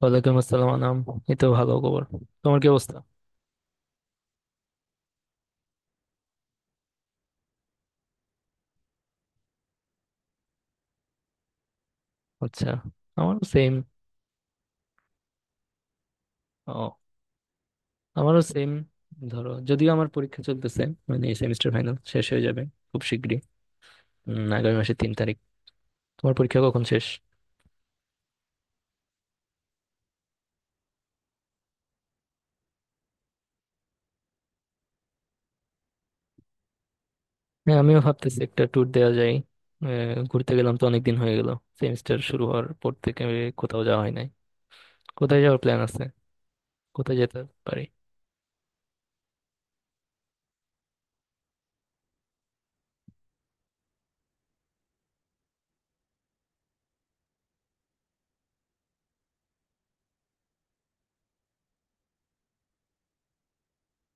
ওয়ালাইকুম আসসালাম আনাম। এই তো ভালো খবর। তোমার কি অবস্থা? আচ্ছা, আমারও সেম। ও, আমারও সেম। ধরো যদিও আমার পরীক্ষা চলতেছে, মানে এই সেমিস্টার ফাইনাল শেষ হয়ে যাবে খুব শিগগিরই, আগামী মাসের 3 তারিখ। তোমার পরীক্ষা কখন শেষ? হ্যাঁ, আমিও ভাবতেছি একটা ট্যুর দেওয়া যায়। ঘুরতে গেলাম তো অনেক দিন হয়ে গেল, সেমিস্টার শুরু হওয়ার পর থেকে কোথাও যাওয়া হয় নাই। কোথায় যাওয়ার প্ল্যান আছে? কোথায় যেতে পারি?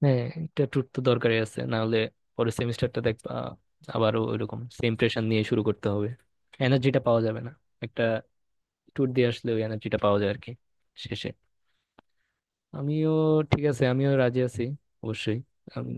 হ্যাঁ, এটা ট্যুর তো দরকারই আছে, না হলে পরের সেমিস্টারটা দেখবা আবারও ওইরকম সেম প্রেশার নিয়ে শুরু করতে হবে, এনার্জিটা পাওয়া যাবে না। একটা ট্যুর দিয়ে আসলে ওই এনার্জিটা পাওয়া যায় আর কি। শেষে আমিও, ঠিক আছে আমিও রাজি আছি, অবশ্যই। আমি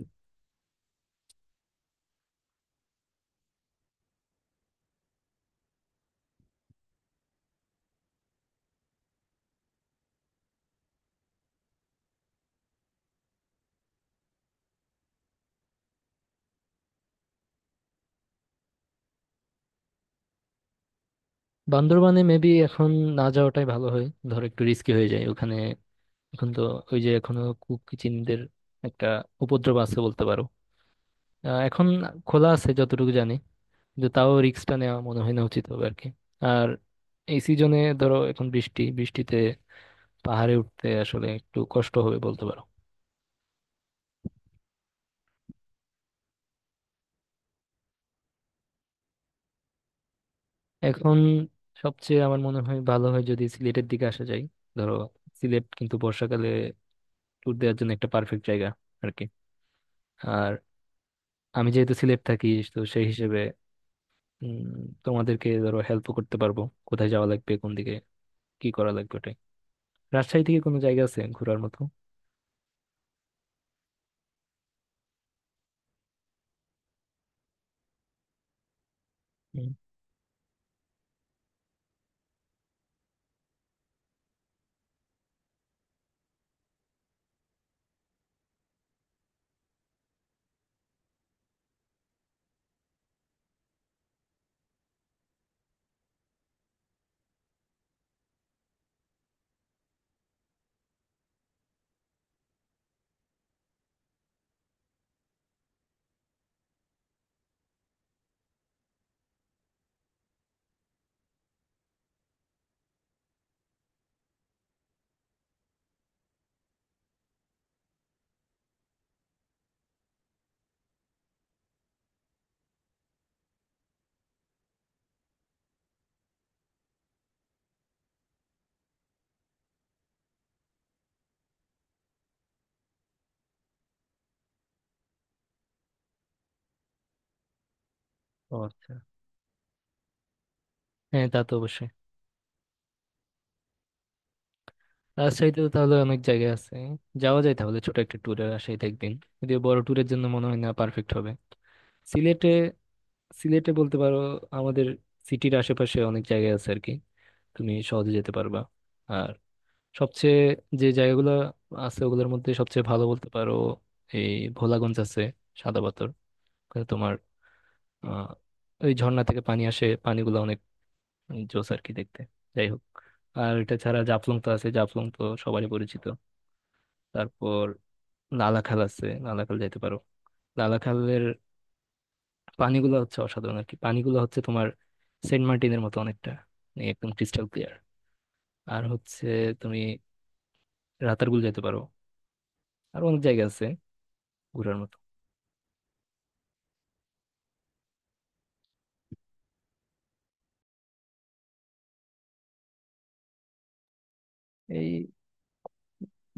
বান্দরবানে মেবি এখন না যাওয়াটাই ভালো হয়, ধর একটু রিস্কি হয়ে যায় ওখানে এখন তো। ওই যে এখনো কুকি চিনদের একটা উপদ্রব আছে বলতে পারো। এখন খোলা আছে যতটুকু জানি, কিন্তু তাও রিস্কটা নেওয়া মনে হয় না উচিত হবে আর কি। আর এই সিজনে ধরো এখন বৃষ্টি বৃষ্টিতে পাহাড়ে উঠতে আসলে একটু কষ্ট হবে বলতে পারো। এখন সবচেয়ে আমার মনে হয় ভালো হয় যদি সিলেটের দিকে আসা যায়। ধরো সিলেট কিন্তু বর্ষাকালে ট্যুর দেওয়ার জন্য একটা পারফেক্ট জায়গা আর কি। আর আমি যেহেতু সিলেট থাকি, তো সেই হিসেবে উম, তোমাদেরকে ধরো হেল্প করতে পারবো কোথায় যাওয়া লাগবে, কোন দিকে কি করা লাগবে ওটাই। রাজশাহী থেকে কোনো জায়গা আছে ঘোরার মতো? হুম। ও আচ্ছা, হ্যাঁ তা তো অবশ্যই। রাজশাহীতে তো তাহলে অনেক জায়গা আছে, যাওয়া যায় তাহলে ছোট একটা ট্যুরে রাজশাহীতে একদিন, যদিও বড় ট্যুরের জন্য মনে হয় না পারফেক্ট হবে। সিলেটে সিলেটে বলতে পারো আমাদের সিটির আশেপাশে অনেক জায়গা আছে আর কি, তুমি সহজে যেতে পারবা। আর সবচেয়ে যে জায়গাগুলো আছে ওগুলোর মধ্যে সবচেয়ে ভালো বলতে পারো এই ভোলাগঞ্জ আছে, সাদা পাথর। ওখানে তোমার আহ ওই ঝর্ণা থেকে পানি আসে, পানিগুলো অনেক জোস আর কি দেখতে। যাই হোক, আর এটা ছাড়া জাফলং তো আছে, জাফলং তো সবারই পরিচিত। তারপর লালাখাল আছে, লালাখাল যাইতে পারো। লালাখালের পানিগুলো হচ্ছে অসাধারণ আর কি, পানিগুলো হচ্ছে তোমার সেন্ট মার্টিনের মতো অনেকটা, মানে একদম ক্রিস্টাল ক্লিয়ার। আর হচ্ছে তুমি রাতারগুল যেতে পারো, আর অনেক জায়গা আছে ঘোরার মতো। এই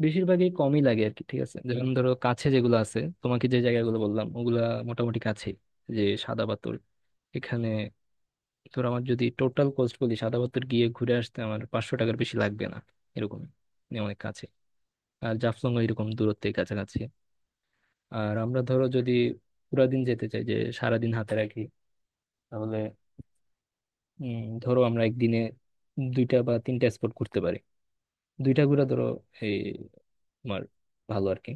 বেশিরভাগই কমই লাগে আর কি, ঠিক আছে। যেমন ধরো কাছে যেগুলো আছে, তোমাকে যে জায়গাগুলো বললাম ওগুলা মোটামুটি কাছে। যে সাদা পাথর এখানে, ধর আমার যদি টোটাল কস্ট বলি সাদা পাথর গিয়ে ঘুরে আসতে আমার 500 টাকার বেশি লাগবে না এরকম, মানে অনেক কাছে। আর জাফলং এরকম দূরত্বে কাছাকাছি। আর আমরা ধরো যদি পুরা দিন যেতে চাই, যে সারাদিন হাতে রাখি, তাহলে ধরো আমরা একদিনে দুইটা বা তিনটা স্পট ঘুরতে পারি। দুইটা ঘুরা ধরো এই তোমার ভালো আর কি।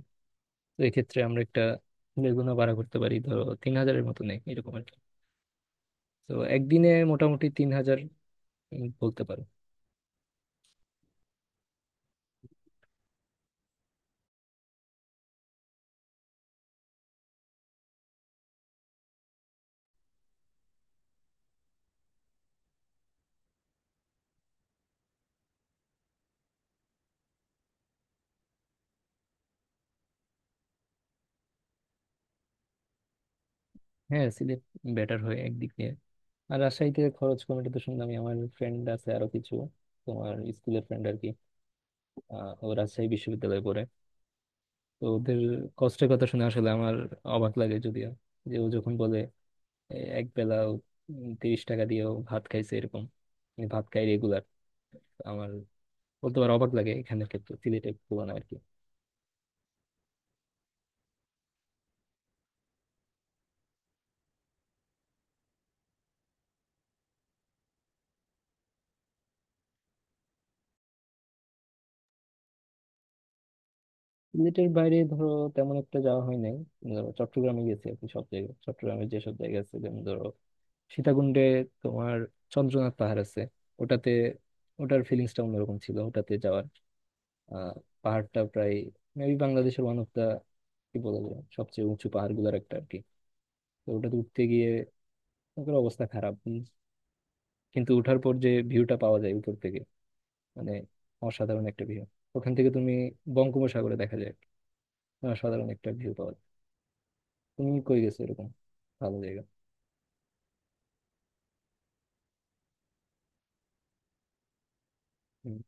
তো এক্ষেত্রে আমরা একটা লেগুনা ভাড়া করতে পারি, ধরো 3,000-এর মতো নেই এরকম আর কি। তো একদিনে মোটামুটি 3,000, বলতে পারো। হ্যাঁ সিলেট বেটার হয় একদিক দিয়ে। আর রাজশাহীতে খরচ কমিটি তো শুনলাম, আমার ফ্রেন্ড আছে আরো কিছু, তোমার স্কুলের ফ্রেন্ড আর কি। ও রাজশাহী বিশ্ববিদ্যালয়ে পড়ে, তো ওদের কষ্টের কথা শুনে আসলে আমার অবাক লাগে যদিও। যে ও যখন বলে এক বেলা 30 টাকা দিয়েও ভাত খাইছে এরকম, মানে ভাত খাই রেগুলার, আমার বলতে পারো অবাক লাগে এখানের ক্ষেত্রে সিলেটের তুলনায় আর কি। সিলেটের বাইরে ধরো তেমন একটা যাওয়া হয় নাই। ধরো চট্টগ্রামে গেছি আর কি, সব জায়গায় চট্টগ্রামের যেসব জায়গা আছে, যেমন ধরো সীতাকুণ্ডে তোমার চন্দ্রনাথ পাহাড় আছে, ওটাতে ওটার ফিলিংসটা অন্যরকম ছিল ওটাতে যাওয়ার। আহ পাহাড়টা প্রায় মেবি বাংলাদেশের ওয়ান অফ দা, কি বলা যায়, সবচেয়ে উঁচু পাহাড়গুলোর একটা আর কি। তো ওটাতে উঠতে গিয়ে ওটার অবস্থা খারাপ, কিন্তু উঠার পর যে ভিউটা পাওয়া যায় উপর থেকে, মানে অসাধারণ একটা ভিউ। ওখান থেকে তুমি বঙ্গোপসাগরে দেখা যায়, অসাধারণ একটা ভিউ পাওয়া যায়। তুমি কই গেছো এরকম ভালো জায়গা? হুম।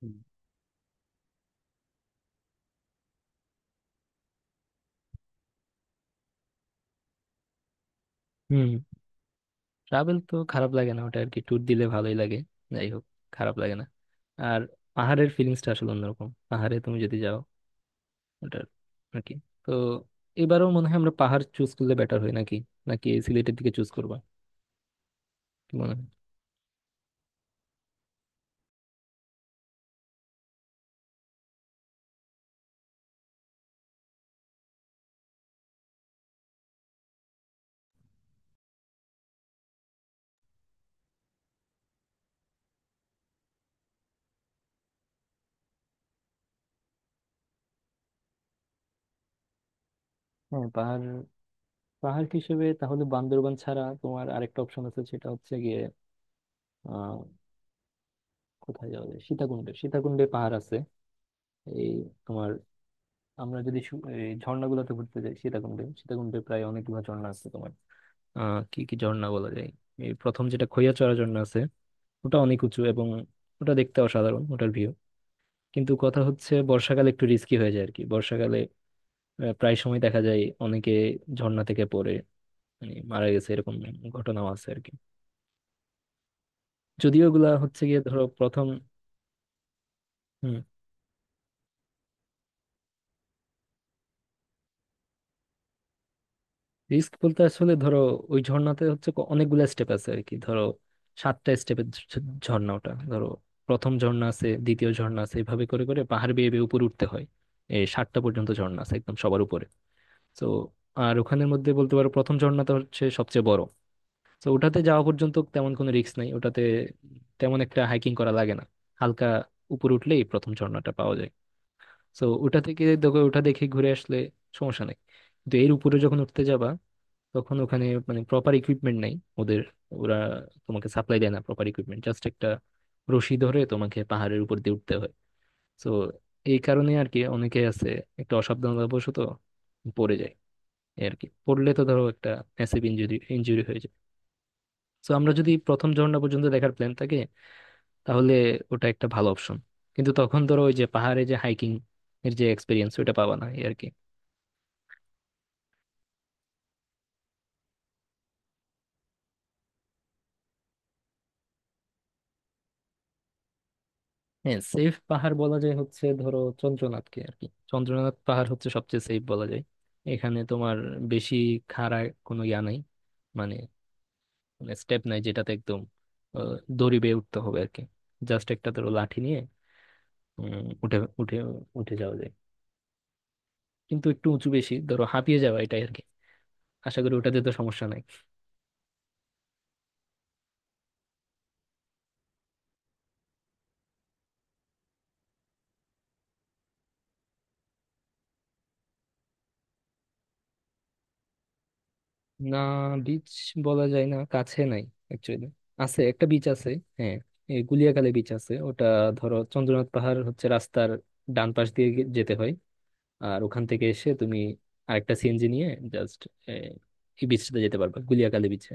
হুম। হুম, ট্রাভেল তো খারাপ লাগে না ওটা আর কি, ট্যুর দিলে ভালোই লাগে। যাই হোক, খারাপ লাগে না। আর পাহাড়ের ফিলিংসটা আসলে অন্যরকম, পাহাড়ে তুমি যদি যাও ওটার আর কি। তো এবারও মনে হয় আমরা পাহাড় চুজ করলে বেটার হয় নাকি, নাকি সিলেটের দিকে চুজ করবা, কি মনে হয়? হ্যাঁ, পাহাড় পাহাড় হিসেবে তাহলে বান্দরবান ছাড়া তোমার আরেকটা অপশন আছে, সেটা হচ্ছে গিয়ে আহ কোথায় যাওয়া যায়, সীতাকুণ্ডে। সীতাকুণ্ডে পাহাড় আছে এই তোমার। আমরা যদি এই ঝর্ণাগুলোতে ঘুরতে যাই সীতাকুণ্ডে, সীতাকুণ্ডে প্রায় অনেকগুলো ঝর্ণা আছে তোমার। কি কি ঝর্ণা বলা যায়, এই প্রথম যেটা খৈয়াচড়া ঝর্ণা আছে, ওটা অনেক উঁচু এবং ওটা দেখতে অসাধারণ ওটার ভিউ। কিন্তু কথা হচ্ছে বর্ষাকালে একটু রিস্কি হয়ে যায় আর কি। বর্ষাকালে প্রায় সময় দেখা যায় অনেকে ঝর্ণা থেকে পড়ে, মানে মারা গেছে এরকম ঘটনাও আছে আর কি। যদিও এগুলা হচ্ছে গিয়ে ধরো প্রথম। হুম। রিস্ক বলতে আসলে ধরো ওই ঝর্ণাতে হচ্ছে অনেকগুলা স্টেপ আছে আর কি। ধরো সাতটা স্টেপের ঝর্ণা ওটা, ধরো প্রথম ঝর্ণা আছে, দ্বিতীয় ঝর্ণা আছে, এভাবে করে করে পাহাড় বেয়ে বেয়ে উপরে উঠতে হয় এই সাতটা পর্যন্ত। ঝর্ণা আছে একদম সবার উপরে তো। আর ওখানের মধ্যে বলতে পারো প্রথম ঝর্ণাটা হচ্ছে সবচেয়ে বড়। তো ওটাতে যাওয়া পর্যন্ত তেমন কোনো রিস্ক নাই, ওটাতে তেমন একটা হাইকিং করা লাগে না, হালকা উপরে উঠলেই প্রথম ঝর্ণাটা পাওয়া যায়। তো ওটা থেকে দেখো, ওটা দেখে ঘুরে আসলে সমস্যা নেই। কিন্তু এর উপরে যখন উঠতে যাবা তখন ওখানে মানে প্রপার ইকুইপমেন্ট নাই ওদের। ওরা তোমাকে সাপ্লাই দেয় না প্রপার ইকুইপমেন্ট, জাস্ট একটা রশি ধরে তোমাকে পাহাড়ের উপর দিয়ে উঠতে হয়। তো এই কারণে আর কি অনেকে আছে একটা অসাবধানতাবশত পড়ে যায় এই আর কি। পড়লে তো ধরো একটা ম্যাসিভ ইঞ্জুরি ইঞ্জুরি হয়ে যায়। তো আমরা যদি প্রথম ঝর্ণা পর্যন্ত দেখার প্ল্যান থাকে, তাহলে ওটা একটা ভালো অপশন। কিন্তু তখন ধরো ওই যে পাহাড়ে যে হাইকিং এর যে এক্সপিরিয়েন্স ওটা পাবা না এই আর কি। হ্যাঁ, সেফ পাহাড় বলা যায় হচ্ছে ধরো চন্দ্রনাথকে আর কি। চন্দ্রনাথ পাহাড় হচ্ছে সবচেয়ে সেফ বলা যায়। এখানে তোমার বেশি খাড়া কোনো ইয়া নাই, মানে স্টেপ নাই যেটাতে একদম আহ, দড়ি বেয়ে উঠতে হবে আর কি। জাস্ট একটা ধরো লাঠি নিয়ে উঠে উঠে উঠে যাওয়া যায়। কিন্তু একটু উঁচু বেশি, ধরো হাঁপিয়ে যাওয়া এটাই আর কি। আশা করি ওটাতে তো সমস্যা নাই। না, বিচ বলা যায় না, কাছে নাই। অ্যাকচুয়ালি আছে, একটা বিচ আছে। হ্যাঁ, এই গুলিয়াখালী বিচ আছে ওটা। ধরো চন্দ্রনাথ পাহাড় হচ্ছে রাস্তার ডান পাশ দিয়ে যেতে হয়। আর ওখান থেকে এসে তুমি আরেকটা সিএনজি নিয়ে জাস্ট এই বিচটাতে যেতে পারবে, গুলিয়াখালী বিচে।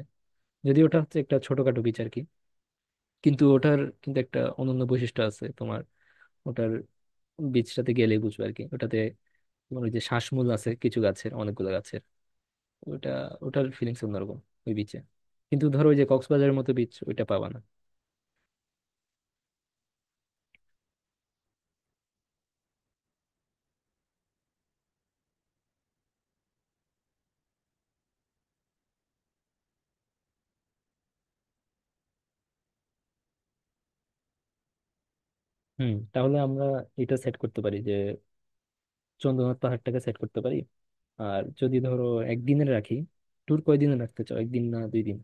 যদি ওটা হচ্ছে একটা ছোটখাটো বিচ আর কি, কিন্তু ওটার কিন্তু একটা অনন্য বৈশিষ্ট্য আছে তোমার। ওটার বিচটাতে গেলেই বুঝবে আর কি। ওটাতে তোমার ওই যে শ্বাসমূল আছে কিছু গাছের, অনেকগুলো গাছের, ওটা, ওটার ফিলিংস অন্যরকম ওই বিচে। কিন্তু ধরো ওই যে কক্সবাজারের মতো বিচ ওইটা পাবা না। হুম, তাহলে আমরা এটা সেট করতে পারি যে চন্দ্রনাথ পাহাড়টাকে সেট করতে পারি। আর যদি ধরো একদিনের রাখি, ট্যুর কয়দিনে রাখতে চাও, একদিন না 2 দিন?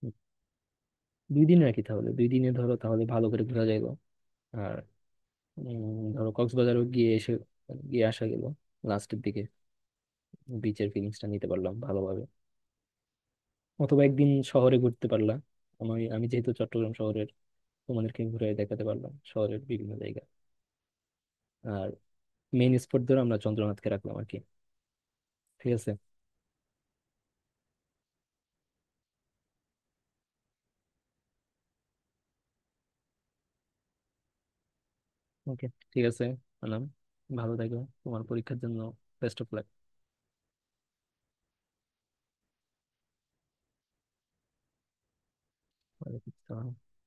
হুম, 2 দিন রাখি তাহলে, 2 দিনে ধরো তাহলে ভালো করে ঘোরা যাইল। আর ধরো কক্সবাজারও গিয়ে এসে, গিয়ে আসা গেল লাস্টের দিকে, বিচের ফিলিংসটা নিতে পারলাম ভালোভাবে। অথবা একদিন শহরে ঘুরতে পারলাম, আমি আমি যেহেতু চট্টগ্রাম শহরের, তোমাদেরকে ঘুরে দেখাতে পারলাম শহরের বিভিন্ন জায়গা। আর মেইন স্পট ধরে আমরা চন্দ্রনাথকে রাখলাম আর কি। ঠিক আছে। ওকে, ঠিক আছে আনাম, ভালো থাকো। তোমার পরীক্ষার জন্য বেস্ট অফ লাক।